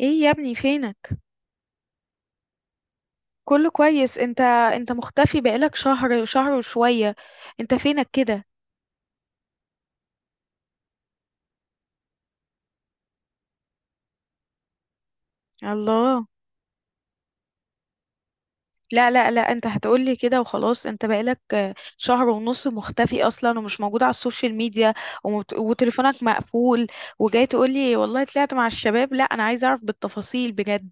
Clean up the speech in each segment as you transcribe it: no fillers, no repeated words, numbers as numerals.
ايه يا ابني فينك؟ كله كويس. انت مختفي بقالك شهر شهر وشوية. انت فينك كده؟ الله. لا لا لا، انت هتقولي كده وخلاص؟ انت بقالك شهر ونص مختفي اصلا، ومش موجود على السوشيال ميديا، وتليفونك مقفول، وجاي تقولي والله طلعت مع الشباب؟ لا، انا عايزه اعرف بالتفاصيل بجد.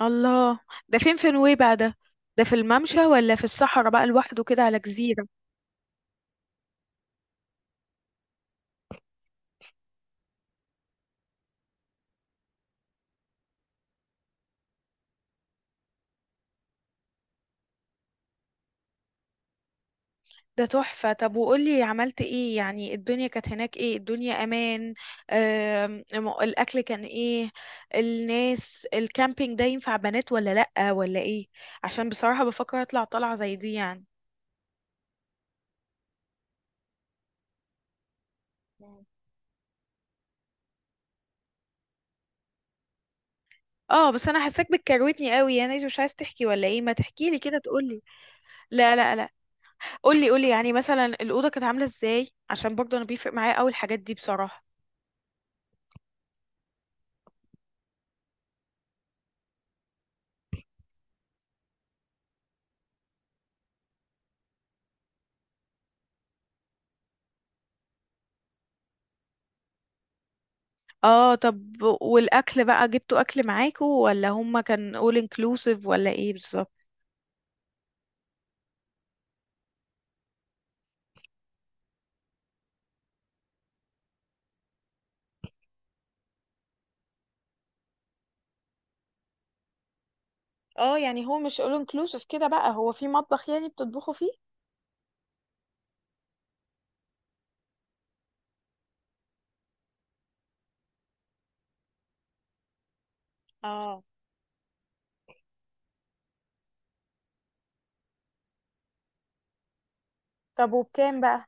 الله. ده فين في نويبع ده؟ ده في الممشى ولا في الصحراء بقى لوحده كده على جزيرة؟ ده تحفة. طب وقولي عملت ايه؟ يعني الدنيا كانت هناك ايه؟ الدنيا امان؟ الاكل كان ايه؟ الناس الكامبينج ده ينفع بنات ولا لأ ولا ايه؟ عشان بصراحة بفكر اطلع طلعة زي دي يعني. مم. اه بس انا حاساك بتكروتني قوي، يعني مش عايز تحكي ولا ايه؟ ما تحكيلي كده تقولي. لا لا لا. قولي قولي، يعني مثلا الأوضة كانت عاملة ازاي؟ عشان برضه انا بيفرق معايا قوي الحاجات دي بصراحة. اه طب والاكل بقى، جبتوا اكل معاكوا ولا هما كان all inclusive ولا ايه بالظبط؟ اه يعني هو مش all inclusive كده بقى، هو في مطبخ يعني بتطبخوا فيه؟ اه طب وبكام بقى؟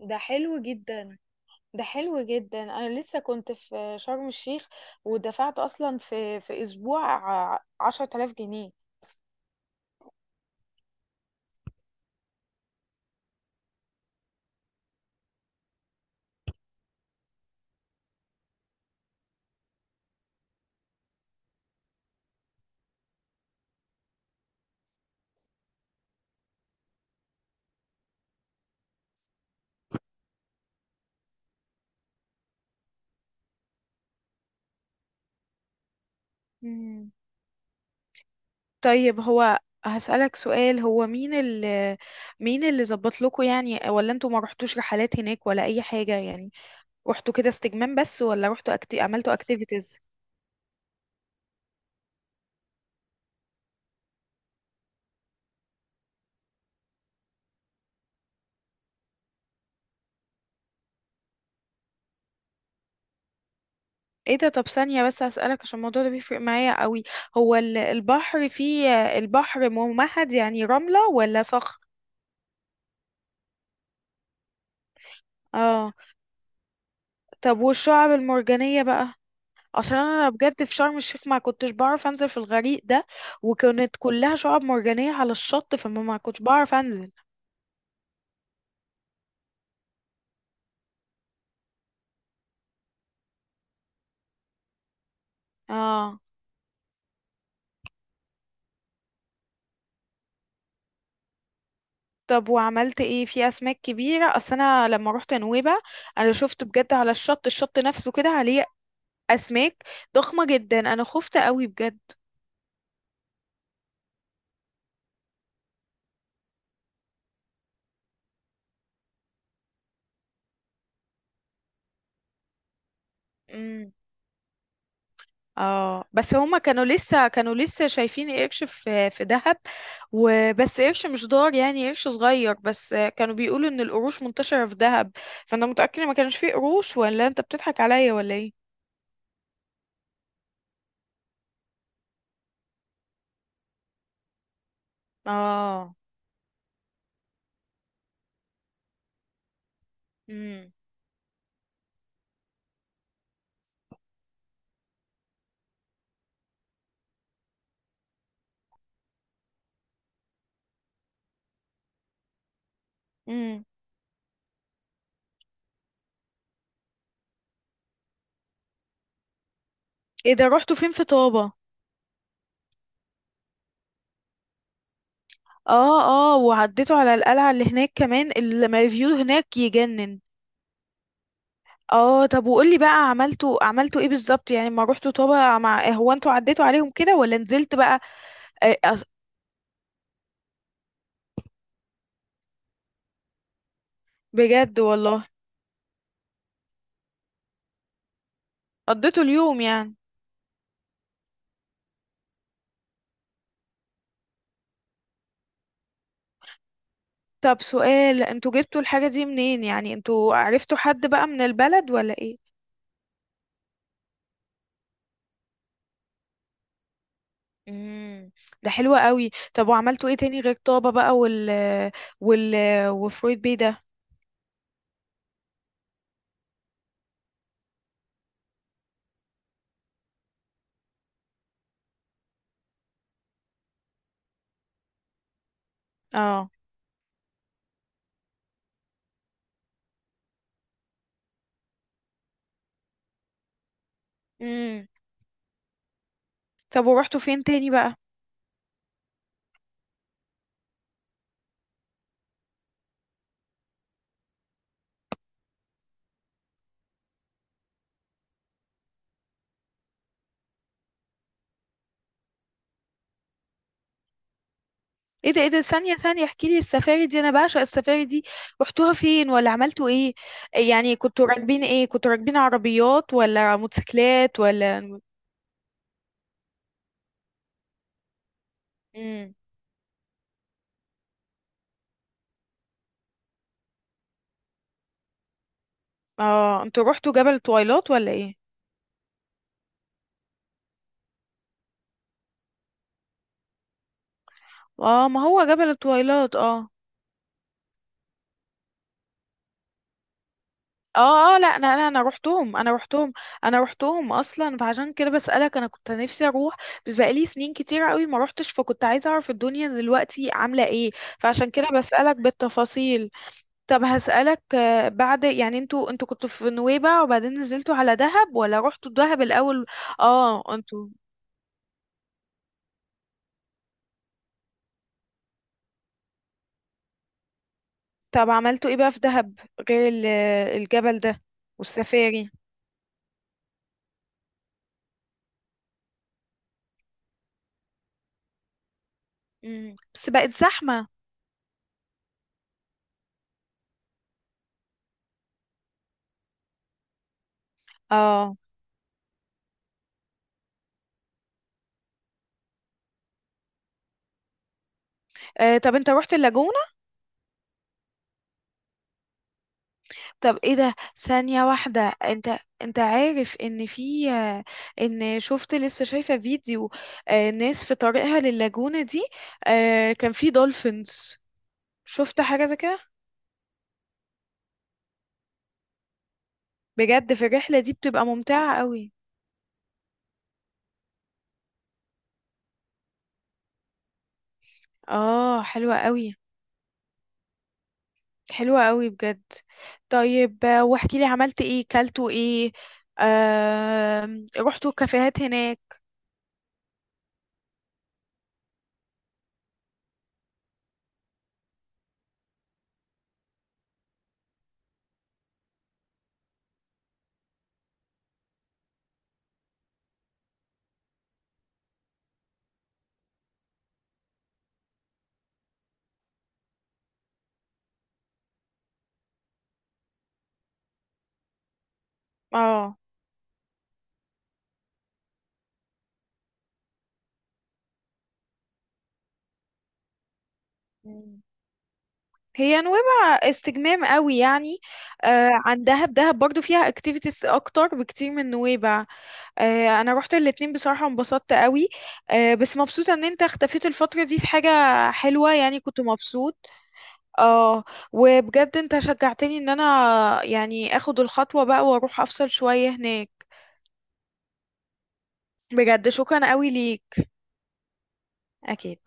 ده حلو جدا. ده حلو جدا، انا لسه كنت في شرم الشيخ، ودفعت اصلا في اسبوع 10,000 جنيه. مم. طيب هو، هسألك سؤال، هو مين اللي، مين اللي ظبط لكم يعني؟ ولا انتوا ما رحتوش رحلات هناك ولا اي حاجة يعني؟ رحتوا كده استجمام بس ولا رحتوا عملتوا activities؟ ايه ده؟ طب ثانية بس هسألك، عشان الموضوع ده بيفرق معايا قوي. هو البحر فيه، البحر ممهد يعني رملة ولا صخر؟ اه طب والشعب المرجانية بقى، عشان انا بجد في شرم الشيخ ما كنتش بعرف انزل في الغريق ده، وكانت كلها شعب مرجانية على الشط، فما ما كنتش بعرف انزل. اه طب وعملت ايه في اسماك كبيرة؟ اصل انا لما روحت نويبع انا شفت بجد على الشط، الشط نفسه كده عليه اسماك ضخمة جدا، انا خفت قوي بجد. اه بس هما كانوا لسه شايفين قرش في دهب. وبس قرش مش ضار يعني، قرش صغير بس، كانوا بيقولوا ان القروش منتشرة في دهب، فانا متأكدة ما كانش فيه قروش، ولا انت بتضحك عليا ولا ايه؟ اه. امم. امم. ايه ده؟ رحتوا فين في طابة؟ اه اه، وعديتوا على القلعة اللي هناك كمان. الفيو هناك يجنن. اه طب وقولي بقى، عملتوا ايه بالظبط؟ يعني ما روحتوا طابة، مع هو انتوا عديتوا عليهم كده ولا نزلت بقى؟ آه، أص- بجد والله؟ قضيته اليوم يعني. طب سؤال، انتوا جبتوا الحاجة دي منين؟ يعني انتوا عرفتوا حد بقى من البلد ولا ايه؟ امم. ده حلو قوي. طب وعملتوا ايه تاني غير طابة بقى، وال، وال، وفرويد بيه ده؟ اه. امم. طب ورحتوا فين تاني بقى؟ ايه ده، ايه ده؟ ثانية ثانية، احكي لي السفاري دي، انا بعشق السفاري دي. رحتوها فين ولا عملتوا ايه؟ يعني كنتوا راكبين ايه، كنتوا راكبين عربيات ولا موتوسيكلات ولا؟ امم. اه انتوا رحتوا جبل طويلات ولا ايه؟ اه ما هو جبل التويلات اه اه اه، لا انا روحتهم، انا روحتهم. انا روحتهم اصلا، فعشان كده بسألك، انا كنت نفسي اروح، بس بقالي سنين كتير قوي ما روحتش، فكنت عايزة اعرف الدنيا دلوقتي عاملة ايه. فعشان كده بسألك بالتفاصيل. طب هسألك، بعد يعني، انتوا كنتوا في نويبع وبعدين نزلتوا على دهب ولا رحتوا دهب الاول؟ اه انتوا. طب عملتوا ايه بقى في دهب، غير الجبل ده، والسفاري؟ مم. بس بقت زحمة. اه. آه طب انت رحت اللاجونة؟ طب ايه ده؟ ثانية واحدة، انت عارف ان في، ان شفت، لسه شايفة فيديو آه، ناس في طريقها للاجونة دي، آه كان في دولفينز؟ شفت حاجة زي كده؟ بجد في الرحلة دي بتبقى ممتعة قوي. اه حلوة قوي. حلوة قوي بجد. طيب واحكي لي عملت ايه، كلتوا ايه، آه رحتوا كافيهات هناك؟ اه، هي نويبع استجمام قوي يعني. آه عن دهب، دهب برضو فيها اكتيفيتيز اكتر بكتير من نويبع. آه انا روحت الاتنين، بصراحة انبسطت قوي. آه بس مبسوطة ان انت اختفيت الفترة دي في حاجة حلوة، يعني كنت مبسوط. اه. وبجد انت شجعتني ان انا يعني اخد الخطوة بقى واروح افصل شوية هناك. بجد شكرا قوي ليك. اكيد.